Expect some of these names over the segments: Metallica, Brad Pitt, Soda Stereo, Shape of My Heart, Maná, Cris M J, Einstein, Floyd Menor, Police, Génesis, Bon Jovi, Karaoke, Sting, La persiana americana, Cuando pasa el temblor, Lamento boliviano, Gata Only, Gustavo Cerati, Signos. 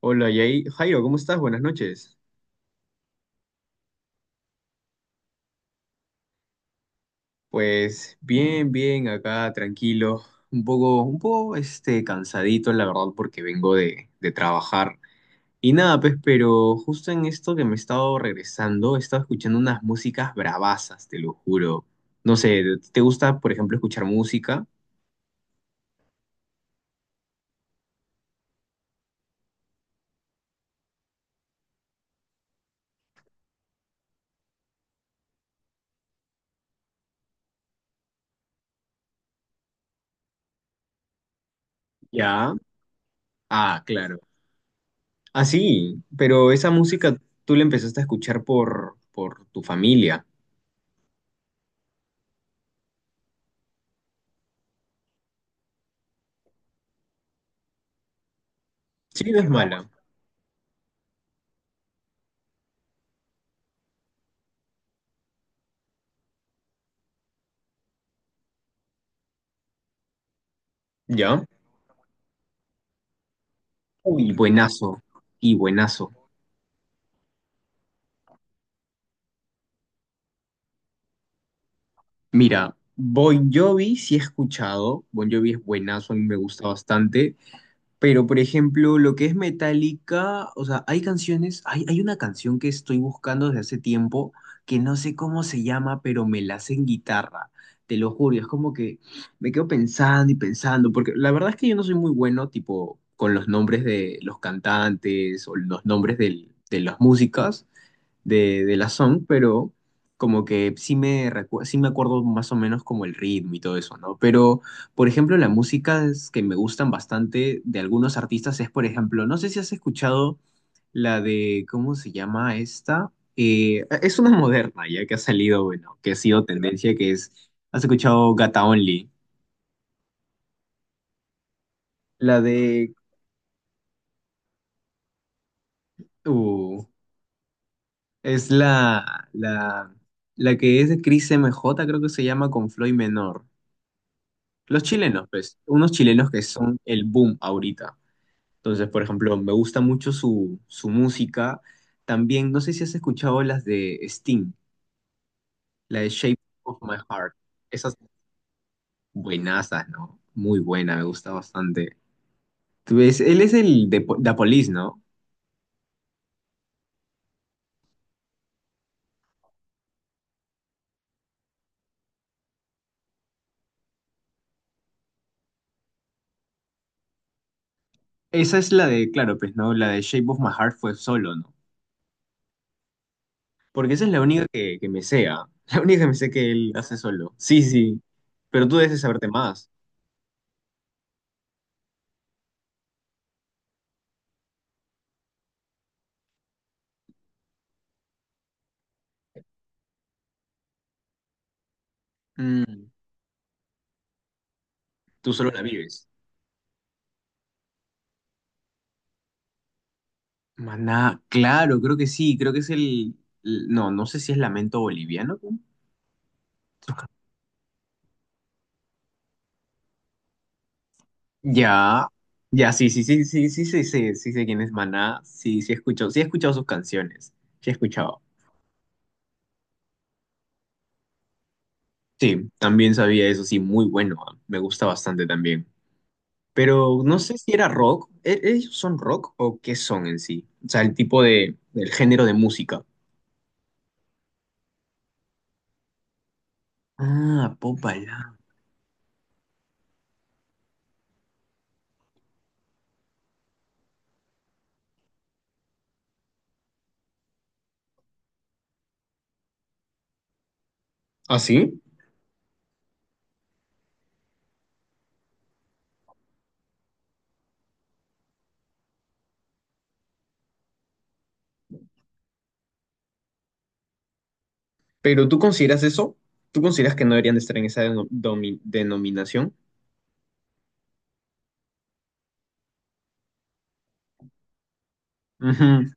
Hola, Jairo, ¿cómo estás? Buenas noches. Pues bien, bien, acá tranquilo, un poco cansadito, la verdad, porque vengo de trabajar. Y nada, pues, pero justo en esto que me he estado regresando, he estado escuchando unas músicas bravasas, te lo juro. No sé, ¿te gusta, por ejemplo, escuchar música? Ya. Ah, claro. Ah, sí, pero esa música tú la empezaste a escuchar por tu familia. Sí, no es mala. ¿Ya? Uy, buenazo. Y buenazo. Mira, Bon Jovi sí he escuchado. Bon Jovi es buenazo, a mí me gusta bastante. Pero, por ejemplo, lo que es Metallica, o sea, hay canciones, hay una canción que estoy buscando desde hace tiempo que no sé cómo se llama, pero me la sé en guitarra. Te lo juro, y es como que me quedo pensando y pensando, porque la verdad es que yo no soy muy bueno, tipo, con los nombres de los cantantes o los nombres de las músicas. De la song, pero como que sí me acuerdo más o menos como el ritmo y todo eso, ¿no? Pero, por ejemplo, las músicas que me gustan bastante de algunos artistas es, por ejemplo, no sé si has escuchado la de, ¿cómo se llama esta? Es una moderna ya que ha salido, bueno, que ha sido tendencia, que es, ¿has escuchado Gata Only? La de, uh, es la, la, la que es de Cris M J, creo que se llama, con Floyd Menor. Los chilenos, pues, unos chilenos que son el boom ahorita. Entonces, por ejemplo, me gusta mucho su música. También, no sé si has escuchado las de Sting, la de Shape of My Heart. Esas buenazas, ¿no? Muy buena, me gusta bastante. Tú ves, él es el de Da Police, ¿no? Esa es la de, claro, pues, ¿no? La de Shape of My Heart fue solo, ¿no? Porque esa es la única que me sea. La única que me sé que él hace solo. Sí, sí. Pero tú debes de saberte más. Mm. Tú solo la vives. Maná, claro, creo que sí, creo que es no, no sé si es Lamento boliviano, ¿no? Ya, ya, sí, sí, sí, sí, sí, sí, sí, sí sé quién es Maná, sí, sí he escuchado sus canciones, sí he escuchado. Sí, también sabía eso, sí, muy bueno, ah, me gusta bastante también. Pero no sé si era rock, ¿ellos son rock o qué son en sí? O sea, el tipo de, el género de música. Ah, Popala. ¿Ah, sí? ¿Pero tú consideras eso? ¿Tú consideras que no deberían de estar en esa denominación? Ujú.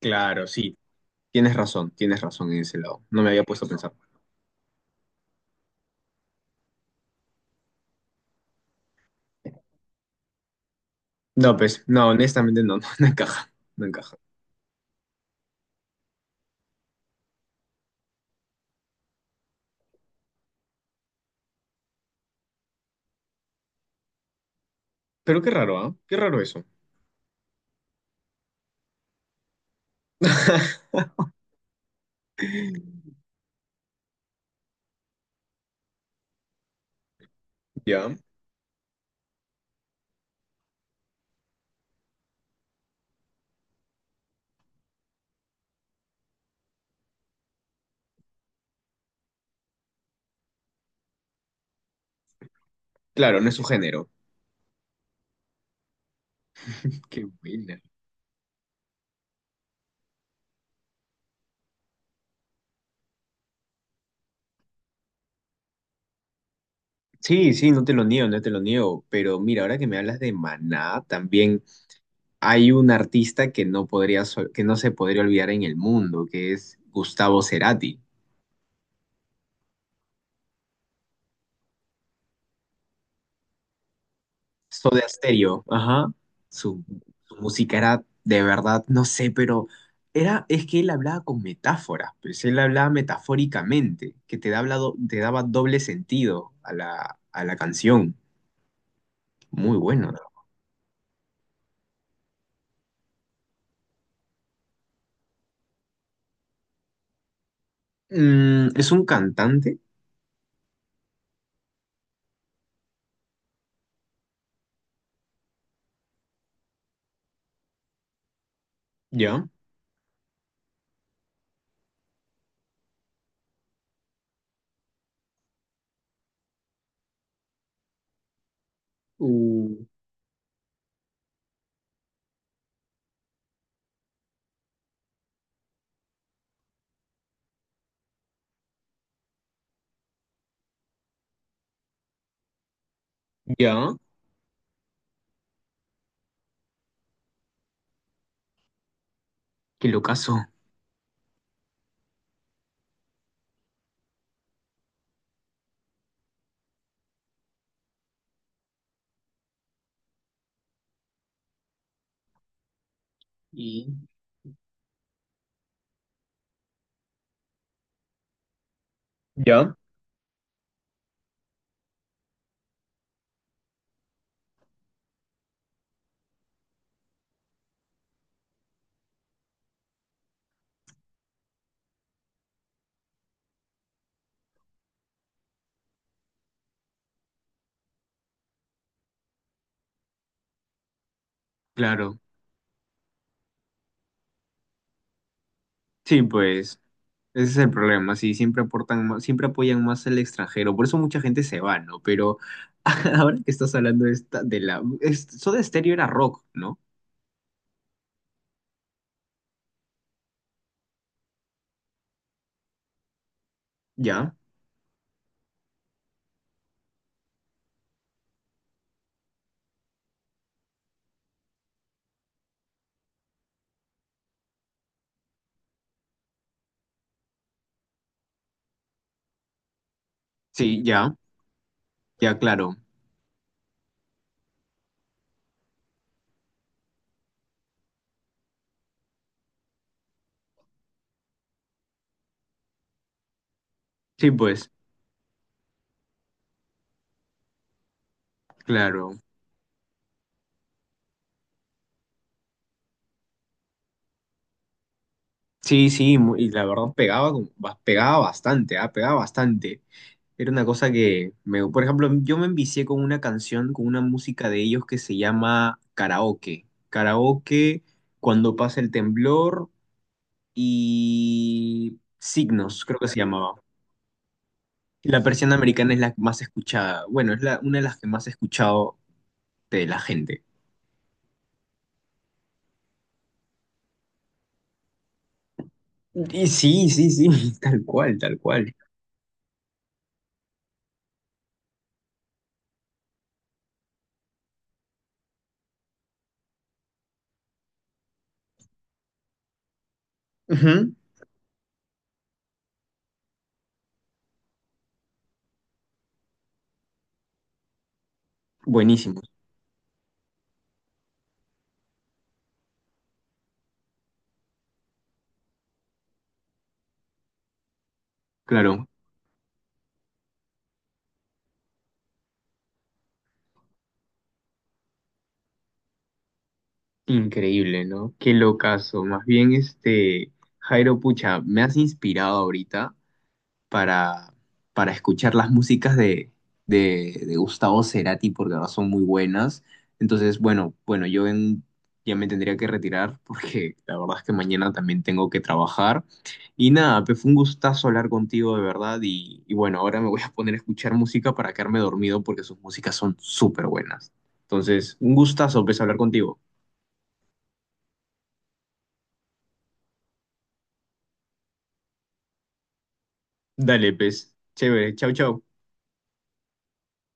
Claro, sí, tienes razón en ese lado. No me había puesto a pensar. No, pues, no, honestamente no, no, no encaja, no encaja. Pero qué raro, ¿ah? Qué raro eso. Ya, claro, no es su género. Qué buena. Sí, sí, no te lo niego, no te lo niego. Pero mira, ahora que me hablas de Maná, también hay un artista que no podría, que no se podría olvidar en el mundo, que es Gustavo Cerati. Soda Stereo, ajá. Su, su música era de verdad, no sé, pero era, es que él hablaba con metáforas, pues él hablaba metafóricamente, que te daba, te daba doble sentido a a la canción. Muy bueno, ¿no? Mm, es un cantante, ya. Uh, ya. Qué locazo. Y... ya. Claro. Sí, pues. Ese es el problema, sí, siempre aportan más, siempre apoyan más al extranjero, por eso mucha gente se va, ¿no? Pero ahora que estás hablando de esta, es, Soda Stereo era rock, ¿no? Ya, sí, ya, ya, claro, sí, pues, claro, sí, sí, y la verdad pegaba, pegaba bastante, ah, pegaba bastante. Era una cosa que, me, por ejemplo, yo me envicié con una canción, con una música de ellos que se llama Karaoke, Karaoke, Cuando pasa el temblor. Y Signos, creo que se llamaba. La persiana americana es la más escuchada, bueno, es la, una de las que más he escuchado de la gente. Y sí, sí, sí, tal cual, tal cual. Ujú. Buenísimo, claro, increíble, ¿no? Qué locazo. Más bien, este, Jairo, pucha, me has inspirado ahorita. para, para escuchar las músicas de Gustavo Cerati porque ahora son muy buenas. Entonces, bueno, bueno, ya me tendría que retirar porque la verdad es que mañana también tengo que trabajar. Y nada, pues fue un gustazo hablar contigo de verdad y bueno, ahora me voy a poner a escuchar música para quedarme dormido porque sus músicas son súper buenas. Entonces, un gustazo, pues, hablar contigo. Dale, pues, chévere, chau, chau.